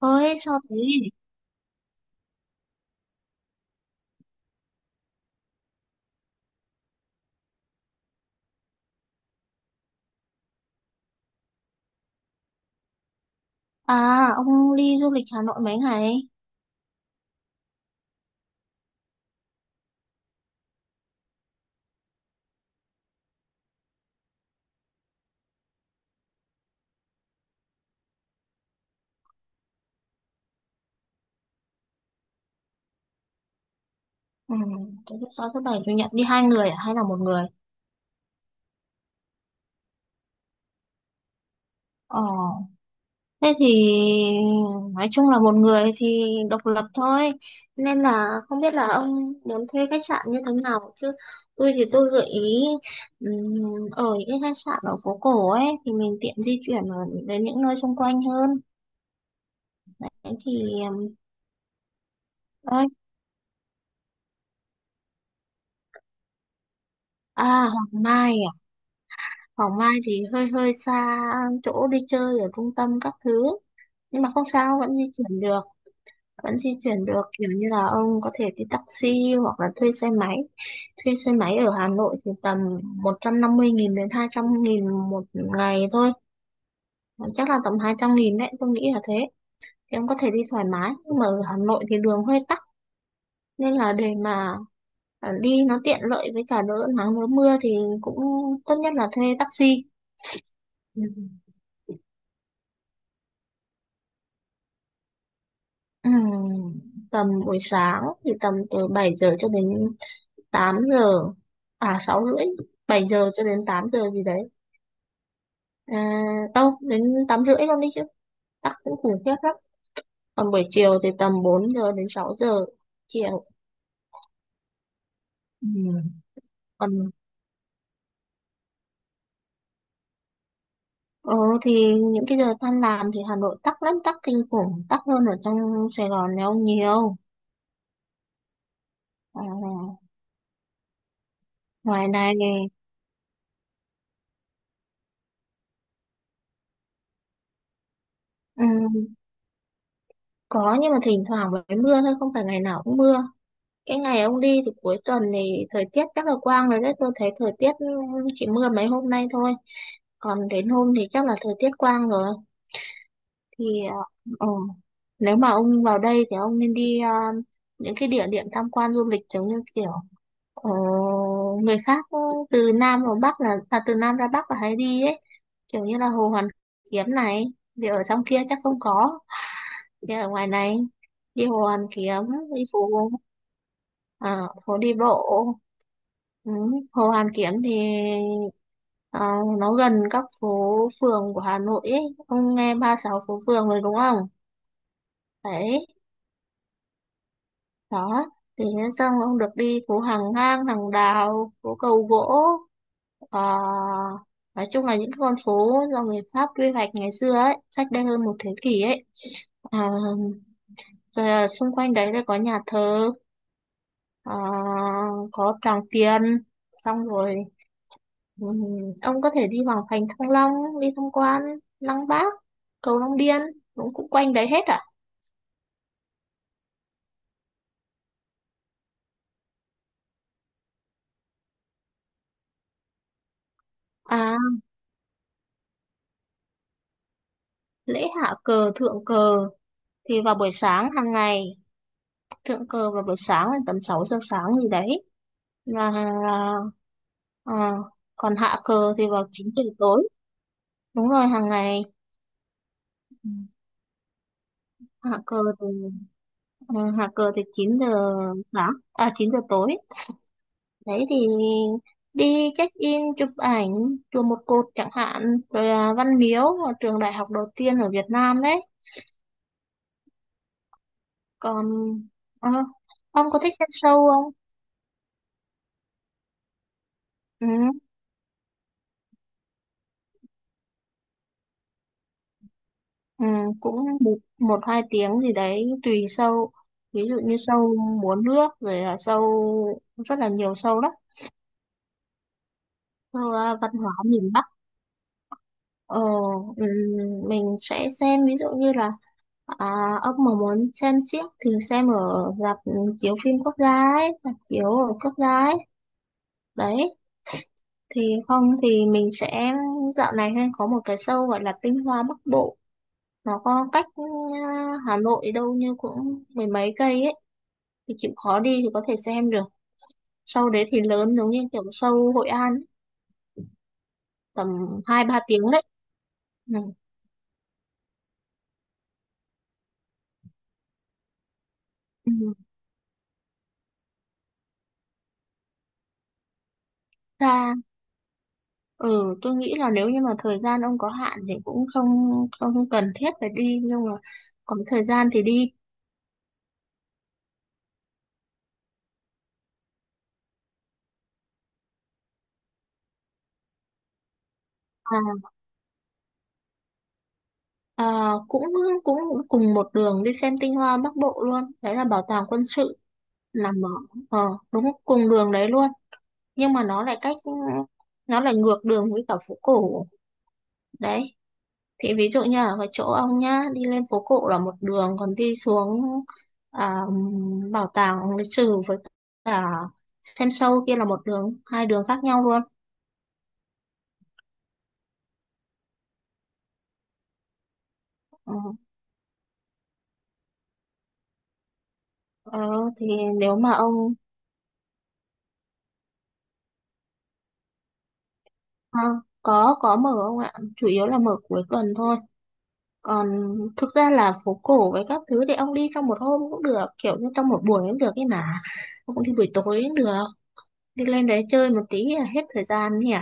Ôi sao thế? À, ông đi du lịch Hà Nội mấy ngày? Ừ, thế thứ sáu thứ bảy chủ nhật đi hai người à? Hay là một người? Ờ, thế thì nói chung là một người thì độc lập thôi. Nên là không biết là ông muốn thuê khách sạn như thế nào chứ. Tôi thì tôi gợi ý, ở những cái khách sạn ở phố cổ ấy thì mình tiện di chuyển ở đến những nơi xung quanh hơn. Thế thì... ơi, à, Hoàng Mai à? Hoàng Mai thì hơi hơi xa, chỗ đi chơi ở trung tâm các thứ, nhưng mà không sao, vẫn di chuyển được kiểu như là ông có thể đi taxi hoặc là thuê xe máy ở Hà Nội thì tầm 150.000 đến 200.000 một ngày thôi. Ờ, chắc là tầm 200.000 đấy, tôi nghĩ là thế, thì ông có thể đi thoải mái, nhưng mà ở Hà Nội thì đường hơi tắc, nên là để mà đi nó tiện lợi với cả đỡ nắng đỡ mưa thì cũng tốt nhất là thuê taxi. Ừ. Ừm, tầm buổi sáng thì tầm từ 7 giờ cho đến 8 giờ, à 6 rưỡi, 7 giờ cho đến 8 giờ gì đấy, à, đâu đến 8 rưỡi luôn đi chứ, tắc cũng khủng khiếp lắm. Còn buổi chiều thì tầm 4 giờ đến 6 giờ chiều. Ừm. Còn ờ, thì những cái giờ tan làm thì Hà Nội tắc lắm, tắc kinh khủng, tắc hơn ở trong Sài Gòn này ông nhiều. À, ngoài này, ừm, có, nhưng mà thỉnh thoảng mới mưa thôi, không phải ngày nào cũng mưa. Cái ngày ông đi thì cuối tuần thì thời tiết chắc là quang rồi đấy. Tôi thấy thời tiết, ừ, chỉ mưa mấy hôm nay thôi. Còn đến hôm thì chắc là thời tiết quang rồi. Thì ờ, ừ. Nếu mà ông vào đây thì ông nên đi, những cái địa điểm tham quan du lịch giống như kiểu, ờ, người khác, ừ, từ Nam vào Bắc là à, từ Nam ra Bắc là hay đi ấy. Kiểu như là Hồ Hoàn Kiếm này. Thì ở trong kia chắc không có, đi ở ngoài này đi Hồ Hoàn Kiếm, đi phố, à, phố đi bộ. Ừ. Hồ Hoàn Kiếm thì ờ, nó gần các phố phường của Hà Nội ấy. Ông nghe 36 phố phường rồi đúng không, đấy, đó, thì thế xong ông được đi phố Hàng Ngang Hàng Đào, phố Cầu Gỗ. Ờ, nói chung là những cái con phố do người Pháp quy hoạch ngày xưa ấy, cách đây hơn một thế kỷ ấy. À, rồi là xung quanh đấy là có nhà thờ, ờ, có Tràng Tiền, xong rồi, ừm, ông có thể đi Hoàng Thành Thăng Long, đi tham quan Lăng Bác, cầu Long Biên, cũng cũng quanh đấy hết. À, à, lễ hạ cờ thượng cờ thì vào buổi sáng hàng ngày, thượng cờ vào buổi sáng là tầm 6 giờ sáng gì đấy, và ờ, còn hạ cờ thì vào 9 giờ tối. Đúng rồi, hàng ngày. Ừ, hạ cờ thì 9 giờ sáng, à 9 giờ tối đấy, thì đi check in chụp ảnh chùa Một Cột chẳng hạn, rồi là Văn Miếu là trường đại học đầu tiên ở Việt Nam đấy. Còn ờ, ông có thích xem show không? Ừ, ừ, cũng một hai tiếng gì đấy tùy show, ví dụ như show múa nước rồi là show, rất là nhiều show đó, show à, văn hóa miền Bắc. Ờ, ừ, mình sẽ xem ví dụ như là... À, ông mà muốn xem xiếc thì xem ở rạp, ừ, chiếu phim quốc gia ấy, rạp chiếu ở quốc gia ấy. Đấy, thì không thì mình sẽ... dạo này hay có một cái show gọi là Tinh Hoa Bắc Bộ. Nó có cách, ừ, Hà Nội đâu như cũng mười mấy cây ấy. Thì chịu khó đi thì có thể xem được. Show đấy thì lớn, giống như kiểu show Hội An ấy, tầm hai ba tiếng đấy. Ừ. Ừ. Ra... Ừ, tôi nghĩ là nếu như mà thời gian ông có hạn thì cũng không, không cần thiết phải đi, nhưng mà có thời gian thì đi. À, à, cũng cũng cùng một đường đi xem tinh hoa Bắc Bộ luôn đấy, là bảo tàng quân sự, nằm ở đúng cùng đường đấy luôn, nhưng mà nó lại cách, nó lại ngược đường với cả phố cổ đấy. Thì ví dụ như ở cái chỗ ông nhá, đi lên phố cổ là một đường, còn đi xuống à, bảo tàng lịch sử với cả xem show kia là một đường, hai đường khác nhau luôn. Ừ. Ờ, thì nếu mà ông, à, có mở không ạ? Chủ yếu là mở cuối tuần thôi. Còn thực ra là phố cổ với các thứ thì ông đi trong một hôm cũng được, kiểu như trong một buổi cũng được ấy mà. Ông cũng đi buổi tối cũng được. Đi lên đấy chơi một tí là hết thời gian nhỉ?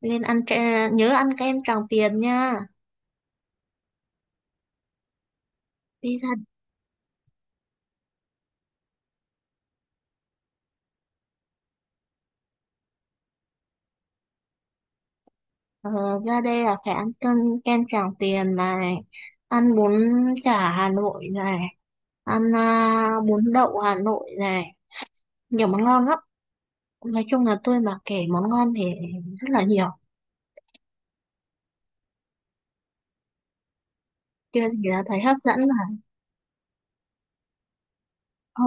Lên ăn tre-, nhớ ăn kem Tràng Tiền nha. Đi ra, ờ, ra đây là phải ăn cơm, kem Tràng Tiền này, ăn bún chả Hà Nội này, ăn à, bún đậu Hà Nội này, nhiều món ngon lắm. Nói chung là tôi mà kể món ngon thì rất là nhiều. Chưa gì là thấy hấp dẫn là, ờ,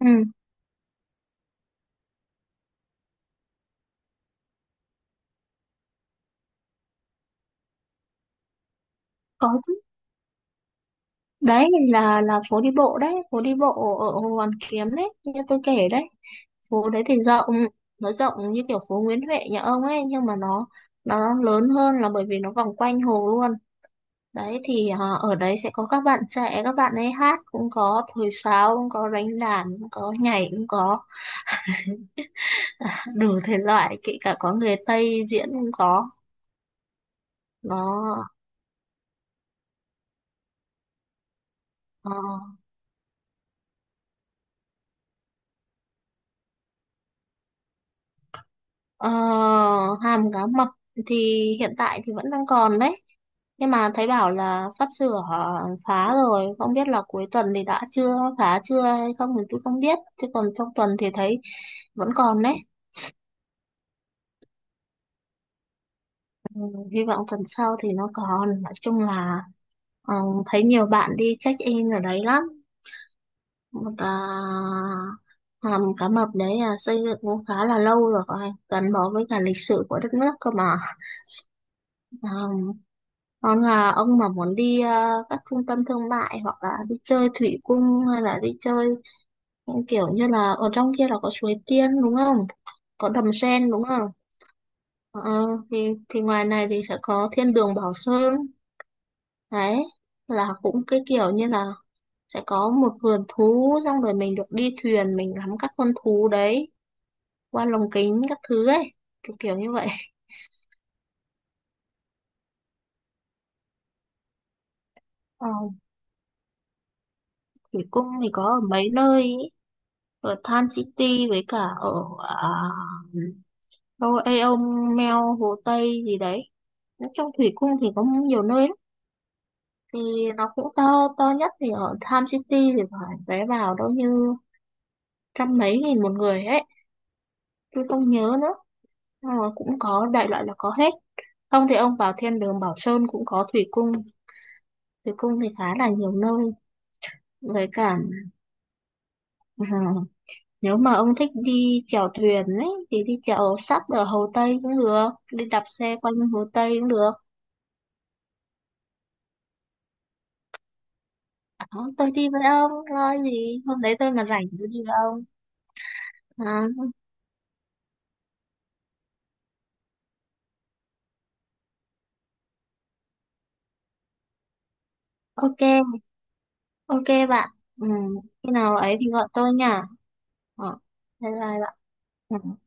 ừ, có chứ. Đấy là phố đi bộ đấy, phố đi bộ ở Hồ Hoàn Kiếm đấy, như tôi kể đấy. Phố đấy thì rộng, nó rộng như kiểu phố Nguyễn Huệ nhà ông ấy, nhưng mà nó lớn hơn là bởi vì nó vòng quanh hồ luôn. Đấy thì ở đấy sẽ có các bạn trẻ, các bạn ấy hát cũng có, thổi sáo cũng có, đánh đàn cũng có, nhảy cũng có, à, đủ thể loại, kể cả có người Tây diễn cũng có. Nó ờ, ờ, hàm cá mập thì hiện tại thì vẫn đang còn đấy, nhưng mà thấy bảo là sắp sửa, ờ, phá rồi, không biết là cuối tuần thì đã chưa phá chưa hay không thì tôi không biết, chứ còn trong tuần thì thấy vẫn còn đấy. Hy vọng tuần sau thì nó còn. Nói chung là, ờ, thấy nhiều bạn đi check in ở đấy lắm. Một, à, hầm cá mập đấy là xây dựng cũng khá là lâu rồi, phải gắn bó với cả lịch sử của đất nước cơ mà. Ờ, còn là ông mà muốn đi, ờ, các trung tâm thương mại hoặc là đi chơi thủy cung hay là đi chơi những kiểu như là ở trong kia là có suối tiên đúng không, có đầm sen đúng không. Ờ, thì ngoài này thì sẽ có thiên đường Bảo Sơn. Đấy, là cũng cái kiểu như là sẽ có một vườn thú, xong rồi mình được đi thuyền, mình ngắm các con thú đấy qua lồng kính các thứ ấy, kiểu kiểu như vậy. Ờ, Thủy Cung thì có ở mấy nơi ý. Ở Tan City với cả ở à, đâu Aeon Mel Hồ Tây gì đấy. Nói chung Thủy Cung thì có nhiều nơi lắm. Thì nó cũng to, to nhất thì ở Tham City thì phải vé vào đâu như trăm mấy nghìn một người ấy. Tôi không nhớ nữa. Ờ, cũng có đại loại là có hết, không thì ông vào thiên đường Bảo Sơn cũng có thủy cung. Thủy cung thì khá là nhiều nơi với cả, ờ, nếu mà ông thích đi chèo thuyền ấy thì đi chèo sắp ở Hồ Tây cũng được, đi đạp xe quanh Hồ Tây cũng được. À, tôi đi với ông coi gì hôm đấy tôi mà rảnh tôi đi với ông. À, ok, ok bạn. Ừ, khi nào ấy thì gọi tôi nha. Ờ, bye bye bạn. Ừ.